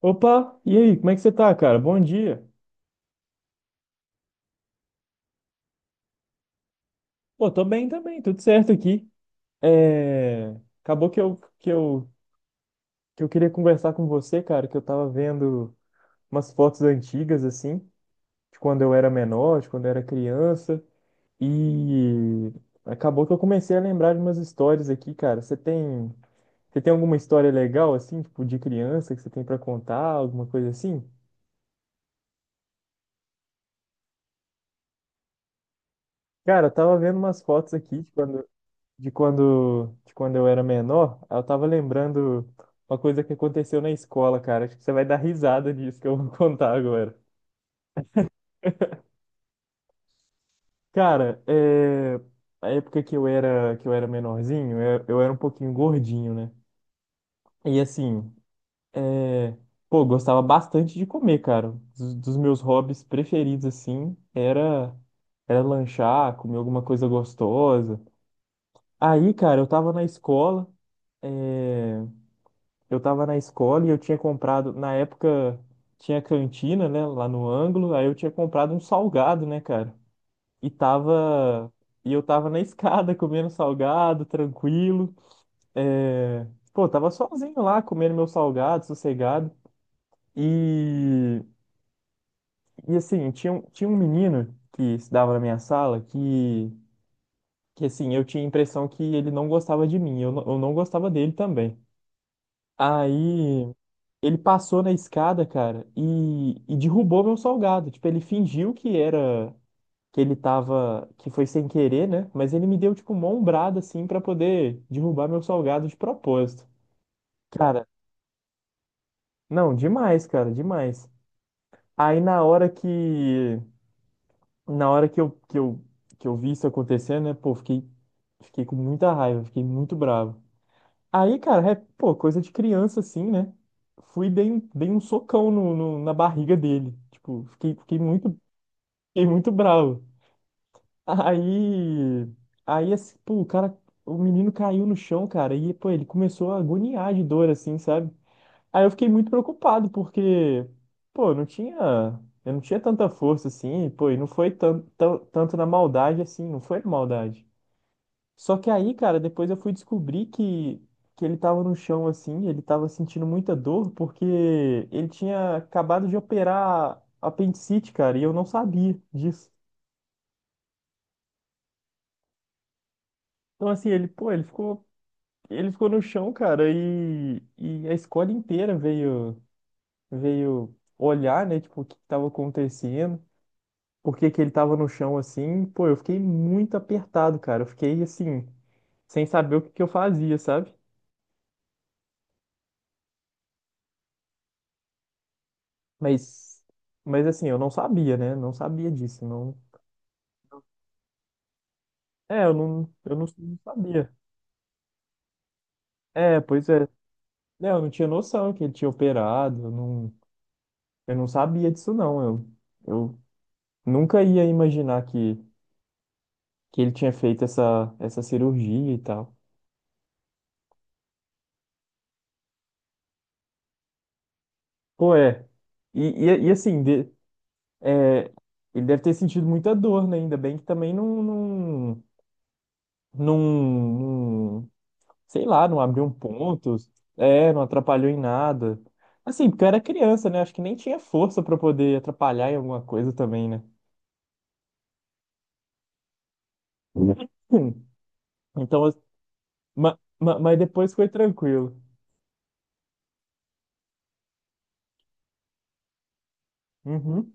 Opa, e aí, como é que você tá, cara? Bom dia. Pô, tô bem também, tudo certo aqui. É... Acabou que eu queria conversar com você, cara, que eu tava vendo umas fotos antigas, assim, de quando eu era criança, e acabou que eu comecei a lembrar de umas histórias aqui, cara. Você tem alguma história legal, assim, tipo, de criança que você tem pra contar, alguma coisa assim? Cara, eu tava vendo umas fotos aqui de quando eu era menor, eu tava lembrando uma coisa que aconteceu na escola, cara. Acho que você vai dar risada disso que eu vou contar agora. Cara, a época que eu era menorzinho, eu era um pouquinho gordinho, né? E assim, é, pô, gostava bastante de comer, cara. Dos meus hobbies preferidos, assim, era lanchar, comer alguma coisa gostosa. Aí, cara, eu tava na escola, é, eu tava na escola e eu tinha comprado, na época tinha cantina, né, lá no ângulo, aí eu tinha comprado um salgado, né, cara? E tava e eu tava na escada comendo salgado, tranquilo. É... Pô, tava sozinho lá comendo meu salgado, sossegado. E e assim, tinha um menino que estudava na minha sala que assim, eu tinha a impressão que ele não gostava de mim, eu não gostava dele também. Aí ele passou na escada, cara, e derrubou meu salgado. Tipo, ele fingiu que foi sem querer, né? Mas ele me deu, tipo, uma ombrada, assim, pra poder derrubar meu salgado de propósito. Cara, não, demais, cara, demais. Aí na hora que eu, que eu, que eu vi isso acontecendo, né? Pô, fiquei com muita raiva, fiquei muito bravo. Aí, cara, pô, coisa de criança assim, né? Fui e dei um socão na barriga dele. Tipo, fiquei muito bravo. Aí, aí, assim, pô, o menino caiu no chão, cara, e, pô, ele começou a agoniar de dor, assim, sabe? Aí eu fiquei muito preocupado, porque, pô, eu não tinha tanta força, assim, pô, e não foi tanto na maldade, assim, não foi na maldade. Só que aí, cara, depois eu fui descobrir que ele tava no chão assim, ele tava sentindo muita dor porque ele tinha acabado de operar apendicite, cara, e eu não sabia disso. Então, assim, ele, pô, ele ficou no chão, cara, e a escola inteira veio olhar, né, tipo, o que que tava acontecendo, por que que ele tava no chão assim. Pô, eu fiquei muito apertado, cara, eu fiquei assim, sem saber o que que eu fazia, sabe? Mas, mas assim, eu não sabia, né? Não sabia disso, não. É, eu não, não sabia. É, pois é. Né, eu não tinha noção que ele tinha operado, eu não sabia disso não. Eu nunca ia imaginar que ele tinha feito essa cirurgia e tal. Pô, é. E assim, é, ele deve ter sentido muita dor, né? Ainda bem que também não, não sei lá, não abriu um ponto, não atrapalhou em nada. Assim, porque eu era criança, né? Acho que nem tinha força pra poder atrapalhar em alguma coisa também, né? Hum. Então, mas depois foi tranquilo. Uhum,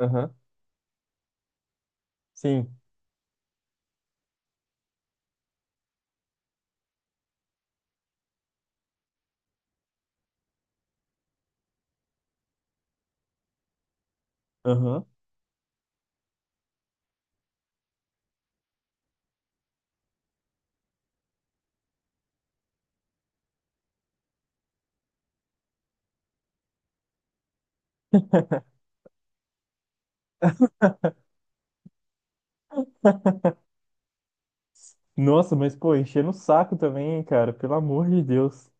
aham, sim, aham. Nossa, mas pô, enchendo o saco também, hein, cara, pelo amor de Deus.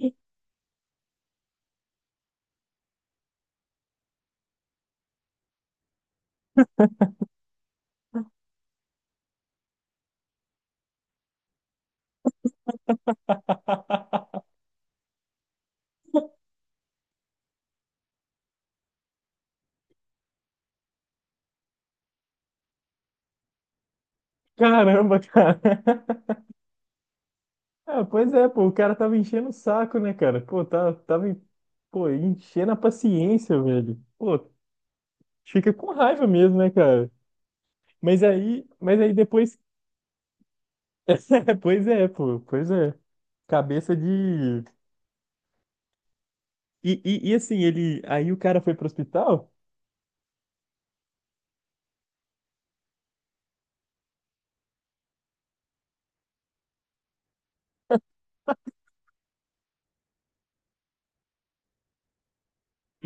Caramba, cara. Ah, pois é, pô, o cara tava enchendo o saco, né, cara? Pô, pô, enchendo a paciência, velho. Pô, fica com raiva mesmo, né, cara? Mas aí depois. Pois é, pô, pois é. Cabeça de. E assim, ele. Aí o cara foi pro hospital?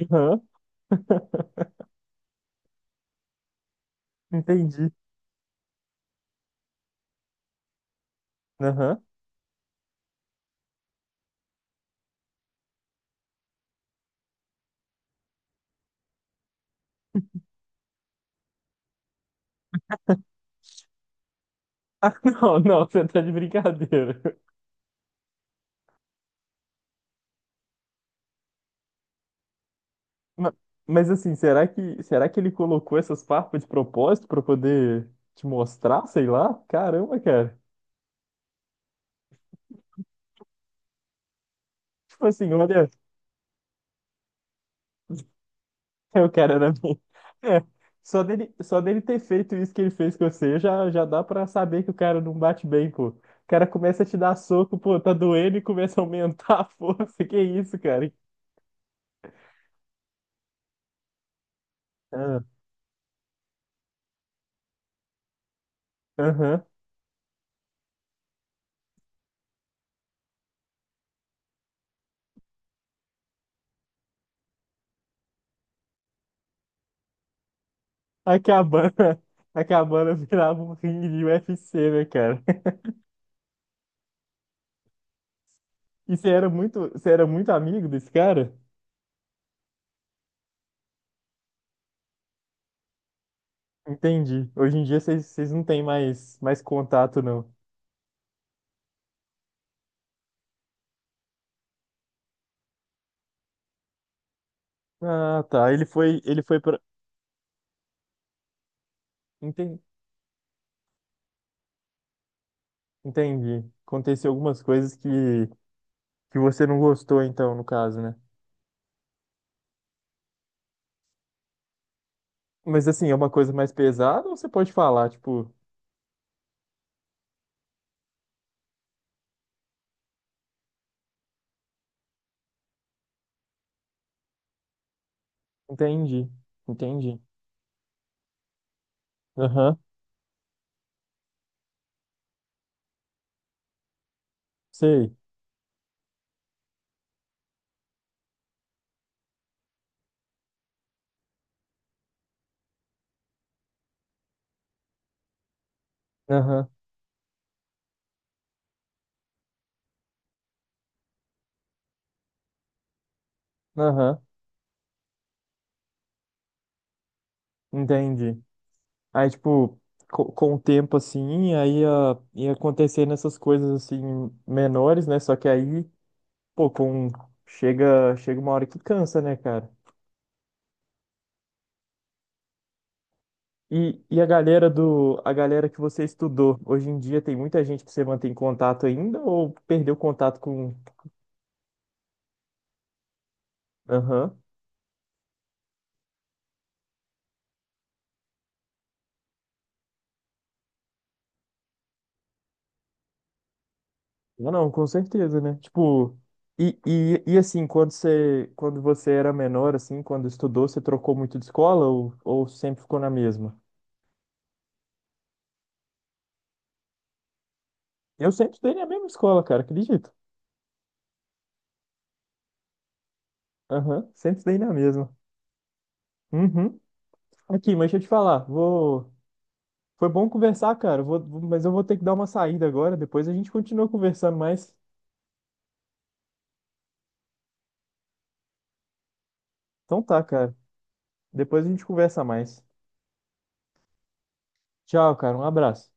Aham, entendi. Aham. Ah, não, não, você tá de brincadeira. Ma- Mas assim, será que ele colocou essas farpas de propósito pra poder te mostrar, sei lá? Caramba, cara. Tipo assim, olha. Eu quero era mim. É, só dele ter feito isso que ele fez com você, já dá pra saber que o cara não bate bem, pô. O cara começa a te dar soco, pô, tá doendo e começa a aumentar a força. Que isso, cara? Ah, aham. A cabana, a cabana virava um ringue de UFC, né, cara? E você era muito amigo desse cara? Entendi. Hoje em dia vocês não têm mais contato, não. Ah, tá. Ele foi pra. Enten- Entendi. Aconteceu algumas coisas que você não gostou, então, no caso, né? Mas assim, é uma coisa mais pesada ou você pode falar, tipo, entendi, entendi. Aham, sei. Aham, aham, entendi. Aí, tipo, com o tempo, assim, ia acontecendo essas coisas, assim, menores, né? Só que aí, pô, com... Chega uma hora que cansa, né, cara? E a galera do, a galera que você estudou, hoje em dia tem muita gente que você mantém contato ainda ou perdeu contato com... Aham. Não, não, com certeza, né? Tipo, e assim, quando você era menor, assim, quando estudou, você trocou muito de escola ou sempre ficou na mesma? Eu sempre estudei na mesma escola, cara, acredito. Aham, sempre estudei na mesma. Uhum. Aqui, mas deixa eu te falar, vou... Foi bom conversar, cara, mas eu vou ter que dar uma saída agora, depois a gente continua conversando mais. Então tá, cara, depois a gente conversa mais. Tchau, cara, um abraço.